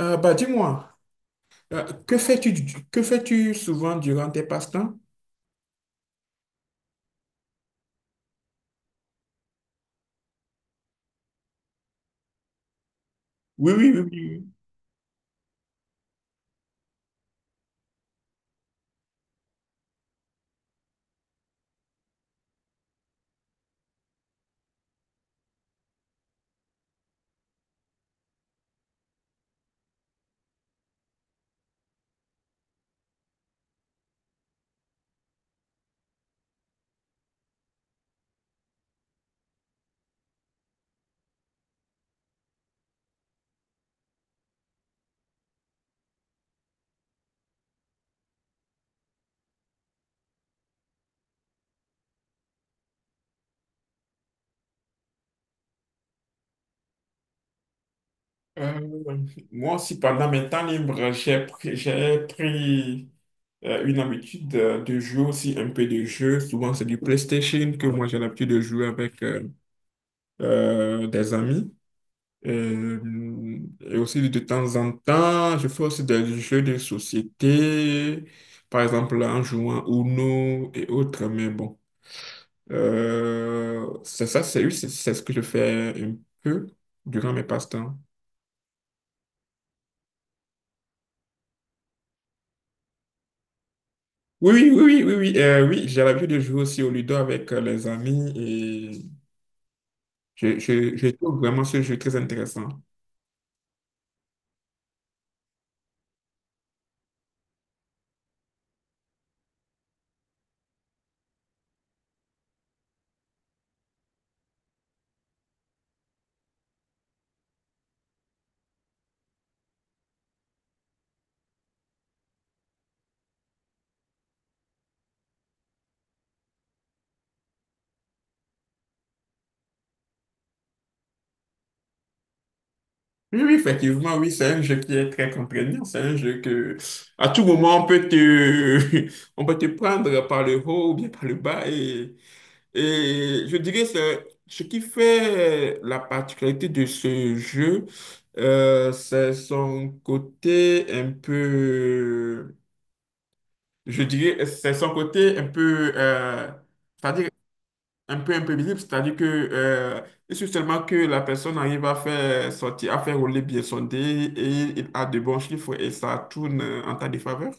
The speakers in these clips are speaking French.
Dis-moi, que fais-tu, que fais-tu souvent durant tes passe-temps? Oui, oui, oui, oui, oui. Euh, Moi aussi, pendant mes temps libres, j'ai pris une habitude de jouer aussi un peu de jeux. Souvent, c'est du PlayStation que moi j'ai l'habitude de jouer avec des amis. Euh, Et aussi, de temps en temps, je fais aussi des jeux de société, par exemple en jouant Uno et autres. Mais bon. C'est ça, c'est oui, c'est ce que je fais un peu durant mes passe-temps. Oui, oui, oui, oui, oui, oui, oui, j'ai l'habitude de jouer aussi au Ludo avec les amis et je trouve vraiment ce jeu très intéressant. Oui, oui, effectivement, oui, c'est un jeu qui est très contraignant. C'est un jeu que, à tout moment, on peut te, on peut te prendre par le haut ou bien par le bas. Et je dirais, c'est ce qui fait la particularité de ce jeu, c'est son côté un peu, je dirais, c'est son côté un peu, c'est-à-dire un peu imprévisible, c'est-à-dire que il suffit seulement que la personne arrive à faire sortir, à faire rouler bien son dé et il a de bons chiffres et ça tourne en ta défaveur.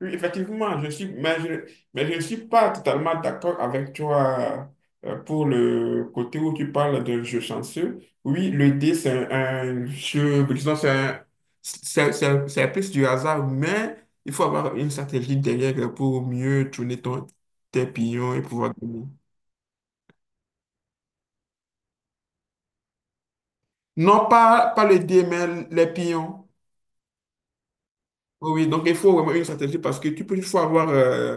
Oui, effectivement, je suis, mais je ne suis pas totalement d'accord avec toi pour le côté où tu parles de jeu chanceux. Oui, le dé, un jeu, disons, c'est un- c'est plus du hasard, mais il faut avoir une stratégie derrière pour mieux tourner tes pions et pouvoir gagner. Non, pas le dé, mais les pions. Oui, oui, donc il faut vraiment une stratégie parce que tu peux, il faut avoir euh,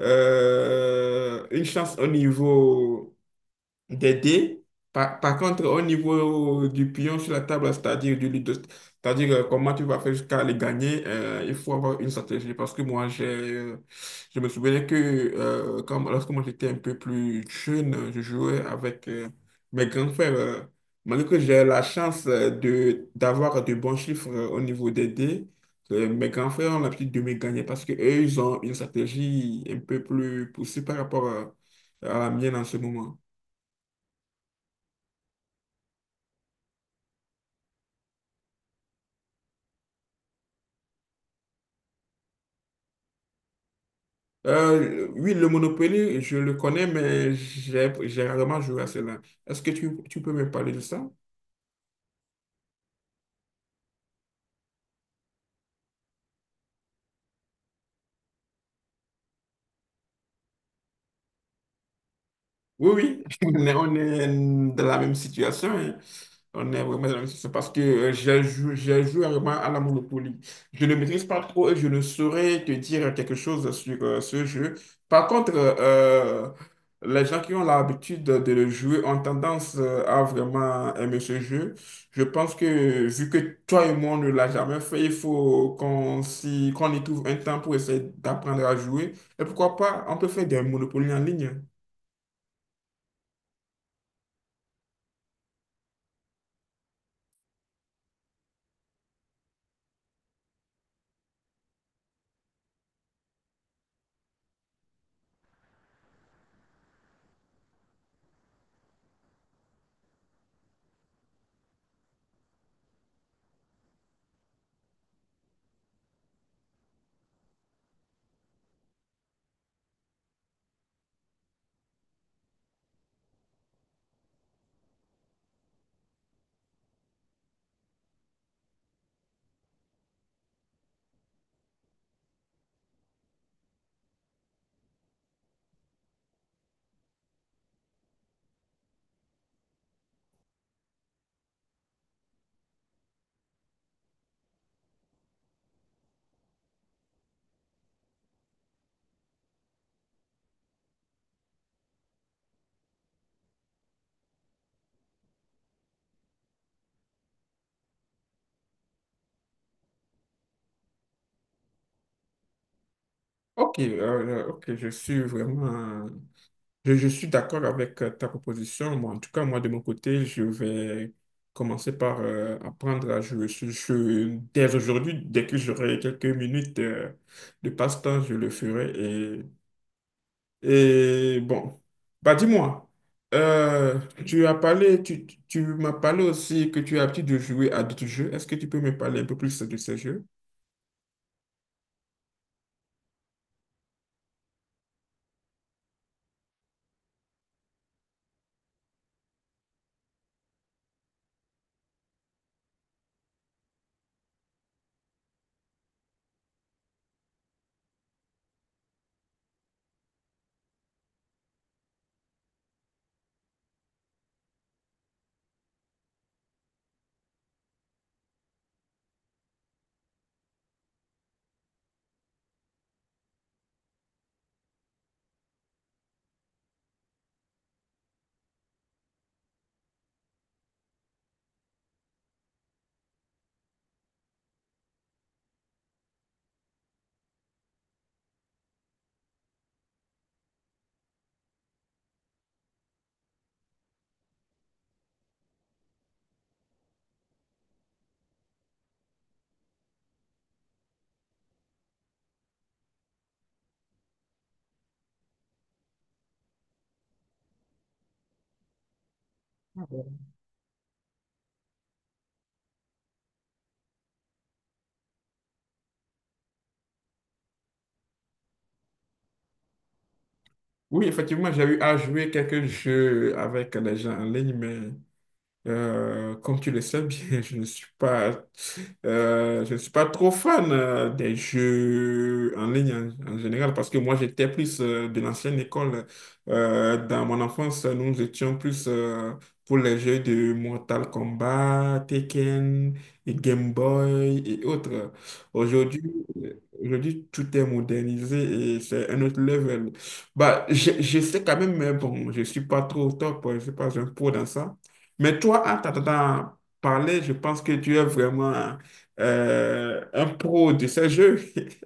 euh, une chance au niveau des dés. Par contre, au niveau du pion sur la table, c'est-à-dire du ludo, c'est-à-dire comment tu vas faire jusqu'à les gagner, il faut avoir une stratégie. Parce que moi, je me souvenais que lorsque moi j'étais un peu plus jeune, je jouais avec mes grands frères. Malgré que j'ai la chance d'avoir de bons chiffres au niveau des dés, mes grands frères ont l'habitude de me gagner parce qu'eux, ils ont une stratégie un peu plus poussée par rapport à la mienne en ce moment. Oui, le Monopoly, je le connais, mais j'ai rarement joué à cela. Est-ce que tu peux me parler de ça? Oui, oui, on est dans la même situation, hein. On est vraiment dans la même situation parce que j'ai joué vraiment à la Monopoly. Je ne maîtrise pas trop et je ne saurais te dire quelque chose sur ce jeu. Par contre, les gens qui ont l'habitude de le jouer ont tendance à vraiment aimer ce jeu. Je pense que vu que toi et moi, on ne l'a jamais fait, il faut qu'on y trouve un temps pour essayer d'apprendre à jouer. Et pourquoi pas, on peut faire des Monopoly en ligne. Ok, je suis vraiment, je suis d'accord avec ta proposition. Moi, en tout cas, moi, de mon côté, je vais commencer par apprendre à jouer ce jeu dès aujourd'hui. Dès que j'aurai quelques minutes de passe-temps, je le ferai et bon, bah dis-moi, euh, tu as parlé, tu m'as parlé aussi que tu as l'habitude de jouer à d'autres jeux. Est-ce que tu peux me parler un peu plus de ces jeux? Oui, effectivement, j'ai eu à jouer quelques jeux avec des gens en ligne, mais comme tu le sais bien, je ne suis pas trop fan des jeux en ligne en général parce que moi j'étais plus de l'ancienne école. Dans mon enfance, nous étions plus pour les jeux de Mortal Kombat, Tekken, et Game Boy et autres. Aujourd'hui, Aujourd'hui tout est modernisé et c'est un autre level. Je sais quand même, mais bon, je ne suis pas trop au top, je ne suis pas un pro dans ça. Mais toi, en t'entendant parler, je pense que tu es vraiment un pro de ces jeux.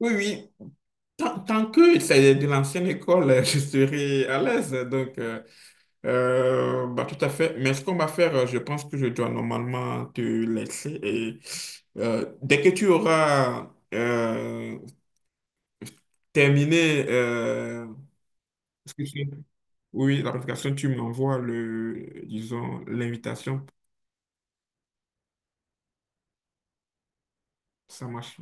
Oui, oui. Tant que c'est de l'ancienne école, je serai à l'aise. Tout à fait. Mais ce qu'on va faire, je pense que je dois normalement te laisser. Et dès que tu auras terminé ce que c'est- oui, l'application, tu m'envoies le, disons, l'invitation. Ça marche.